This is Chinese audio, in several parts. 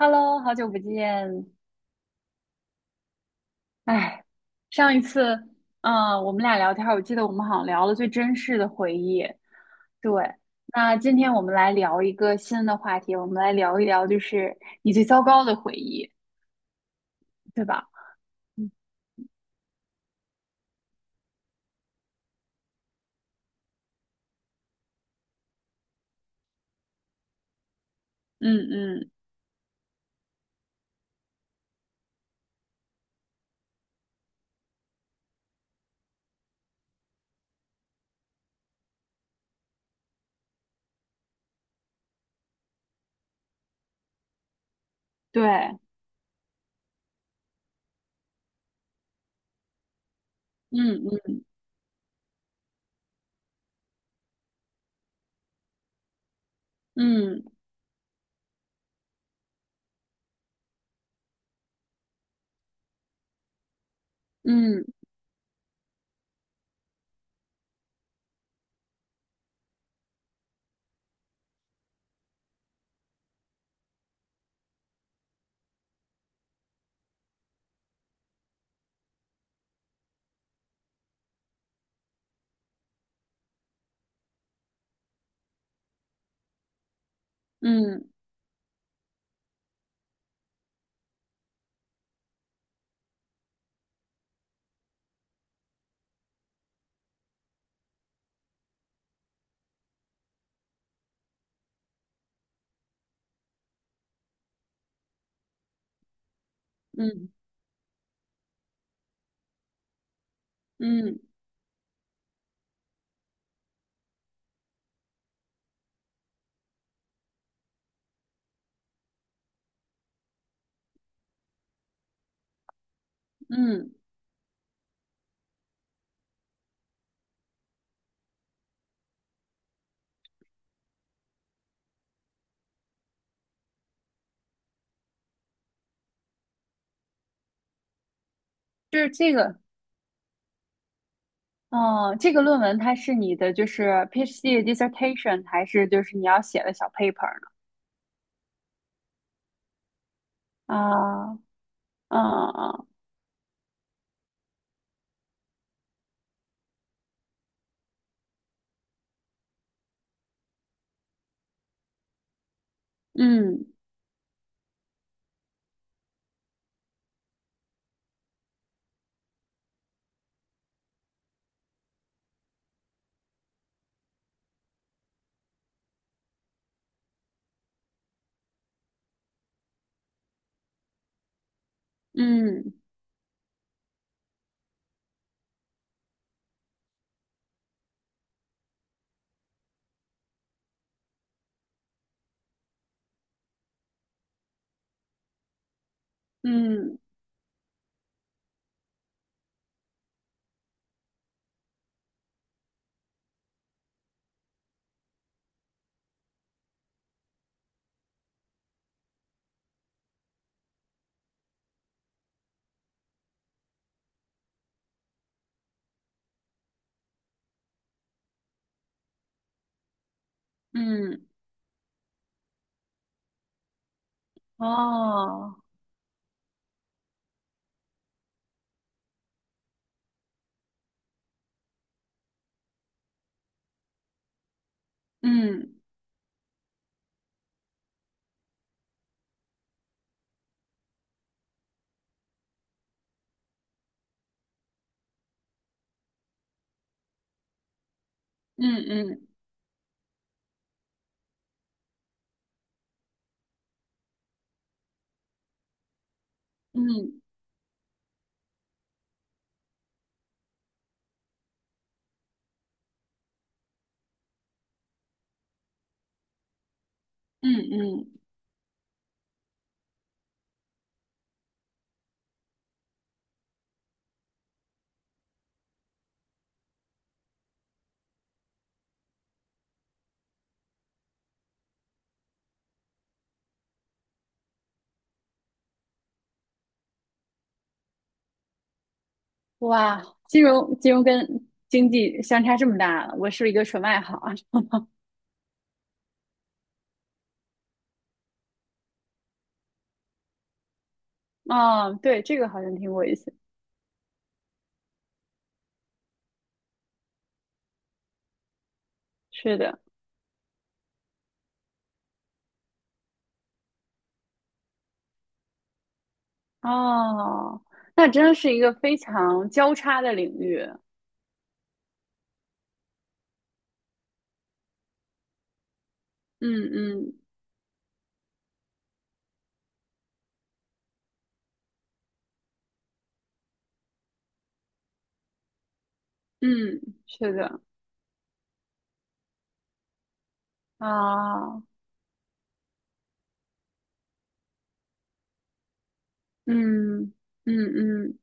Hello，好久不见。哎，上一次，我们俩聊天儿我记得我们好像聊了最真实的回忆。对，那今天我们来聊一个新的话题，我们来聊一聊，你最糟糕的回忆，对吧？嗯嗯，对。嗯嗯嗯嗯嗯嗯嗯。嗯，就是这个，嗯，这个论文它是你的就是 PhD dissertation，还是就是你要写的小 paper 呢？啊啊啊！嗯嗯嗯嗯嗯。哦。嗯嗯嗯嗯嗯嗯。哇，金融跟经济相差这么大，我是一个纯外行。啊？哦，对，这个好像听过一次。是的。哦，那真的是一个非常交叉的领域。嗯嗯嗯。是的。啊、嗯嗯嗯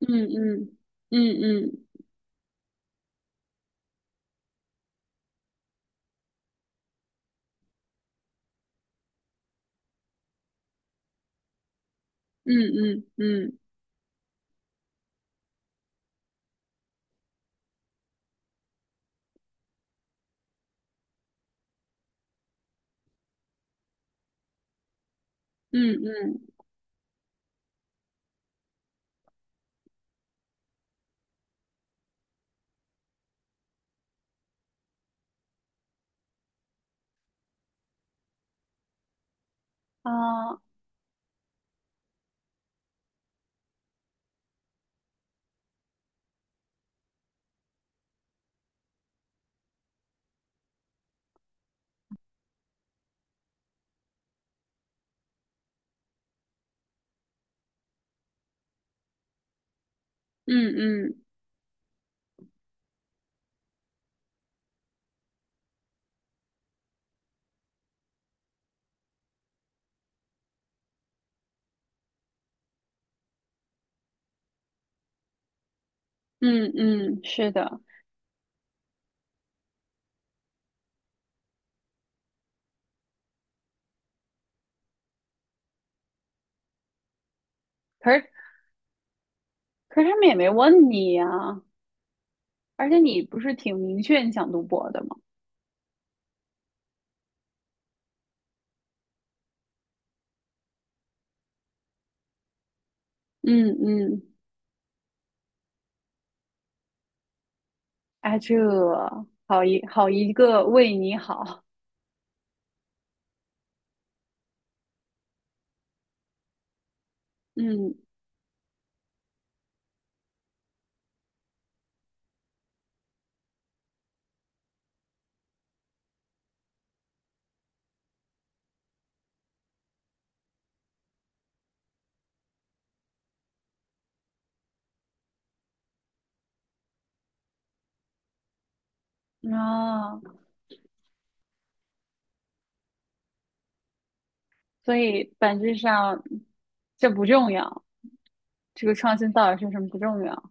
嗯嗯嗯嗯嗯嗯嗯嗯嗯嗯嗯。啊，嗯嗯嗯嗯。是的。可是可是他们也没问你呀、而且你不是挺明确你想读博的吗？嗯嗯，哎，这好一个为你好。嗯啊，所以本质上这不重要，这个创新到底是什么不重要。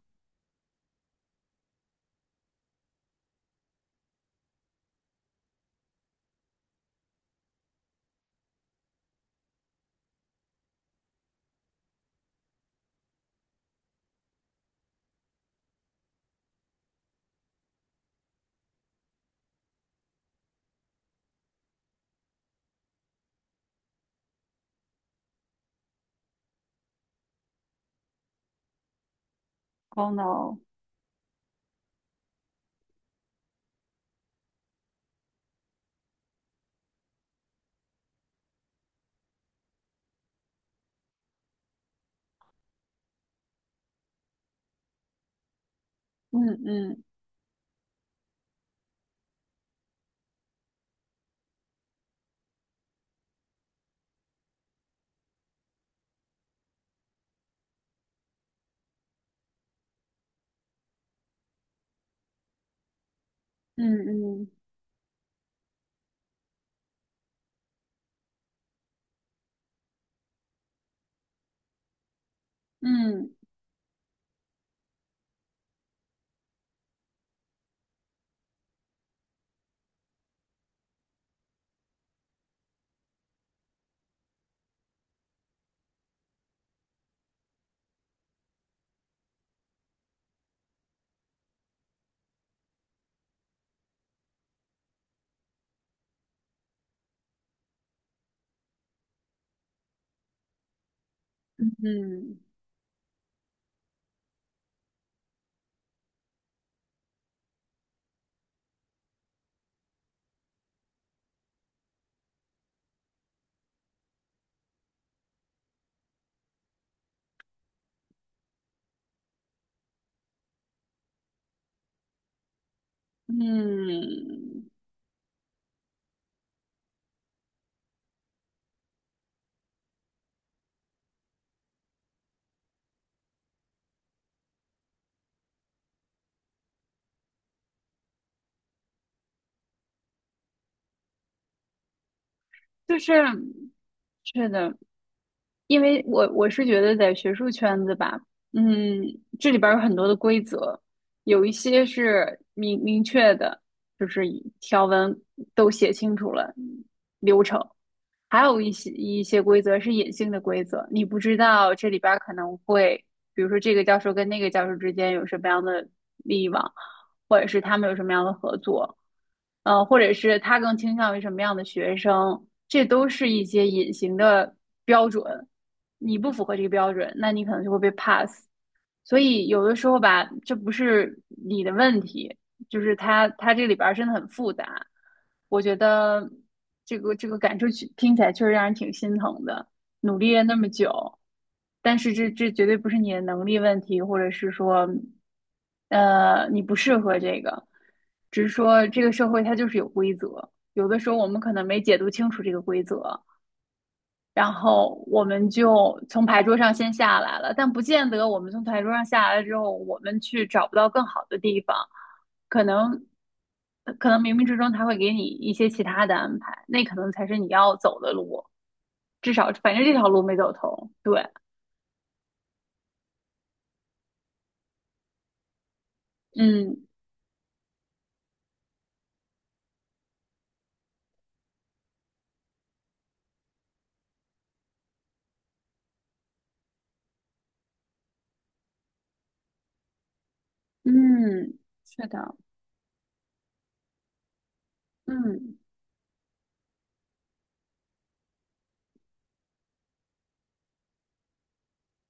Oh no。嗯嗯嗯嗯嗯嗯嗯。就是是的，因为我是觉得在学术圈子吧，嗯，这里边儿有很多的规则，有一些是明明确的，就是条文都写清楚了流程，还有一些规则是隐性的规则，你不知道这里边儿可能会，比如说这个教授跟那个教授之间有什么样的利益网，或者是他们有什么样的合作，或者是他更倾向于什么样的学生，这都是一些隐形的标准。你不符合这个标准，那你可能就会被 pass。所以有的时候吧，这不是你的问题，就是它这里边儿真的很复杂。我觉得这个感受去听起来确实让人挺心疼的，努力了那么久，但是这绝对不是你的能力问题，或者是说，你不适合这个，只是说这个社会它就是有规则，有的时候我们可能没解读清楚这个规则，然后我们就从牌桌上先下来了，但不见得我们从牌桌上下来了之后，我们去找不到更好的地方，可能可能冥冥之中他会给你一些其他的安排，那可能才是你要走的路，至少反正这条路没走通。对。嗯嗯，是的。嗯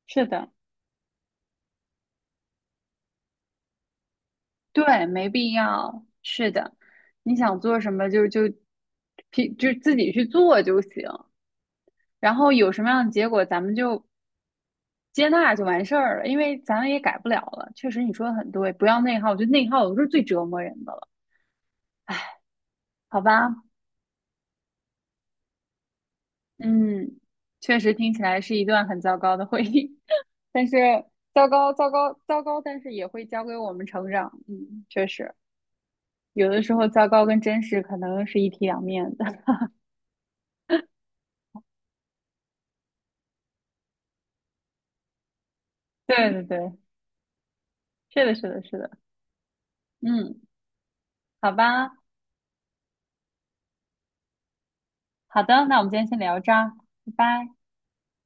是的。对，没必要，是的，你想做什么，就自己去做就行，然后有什么样的结果咱们就。接纳就完事儿了，因为咱也改不了了。确实，你说的很对，不要内耗，我觉得内耗有时候是最折磨人的了。好吧？嗯，确实听起来是一段很糟糕的回忆，但是糟糕，糟糕，糟糕，但是也会教给我们成长。嗯，确实，有的时候糟糕跟真实可能是一体两面的。对对对，是的，是的，是的。嗯，好吧，好的，那我们今天先聊这儿，拜拜。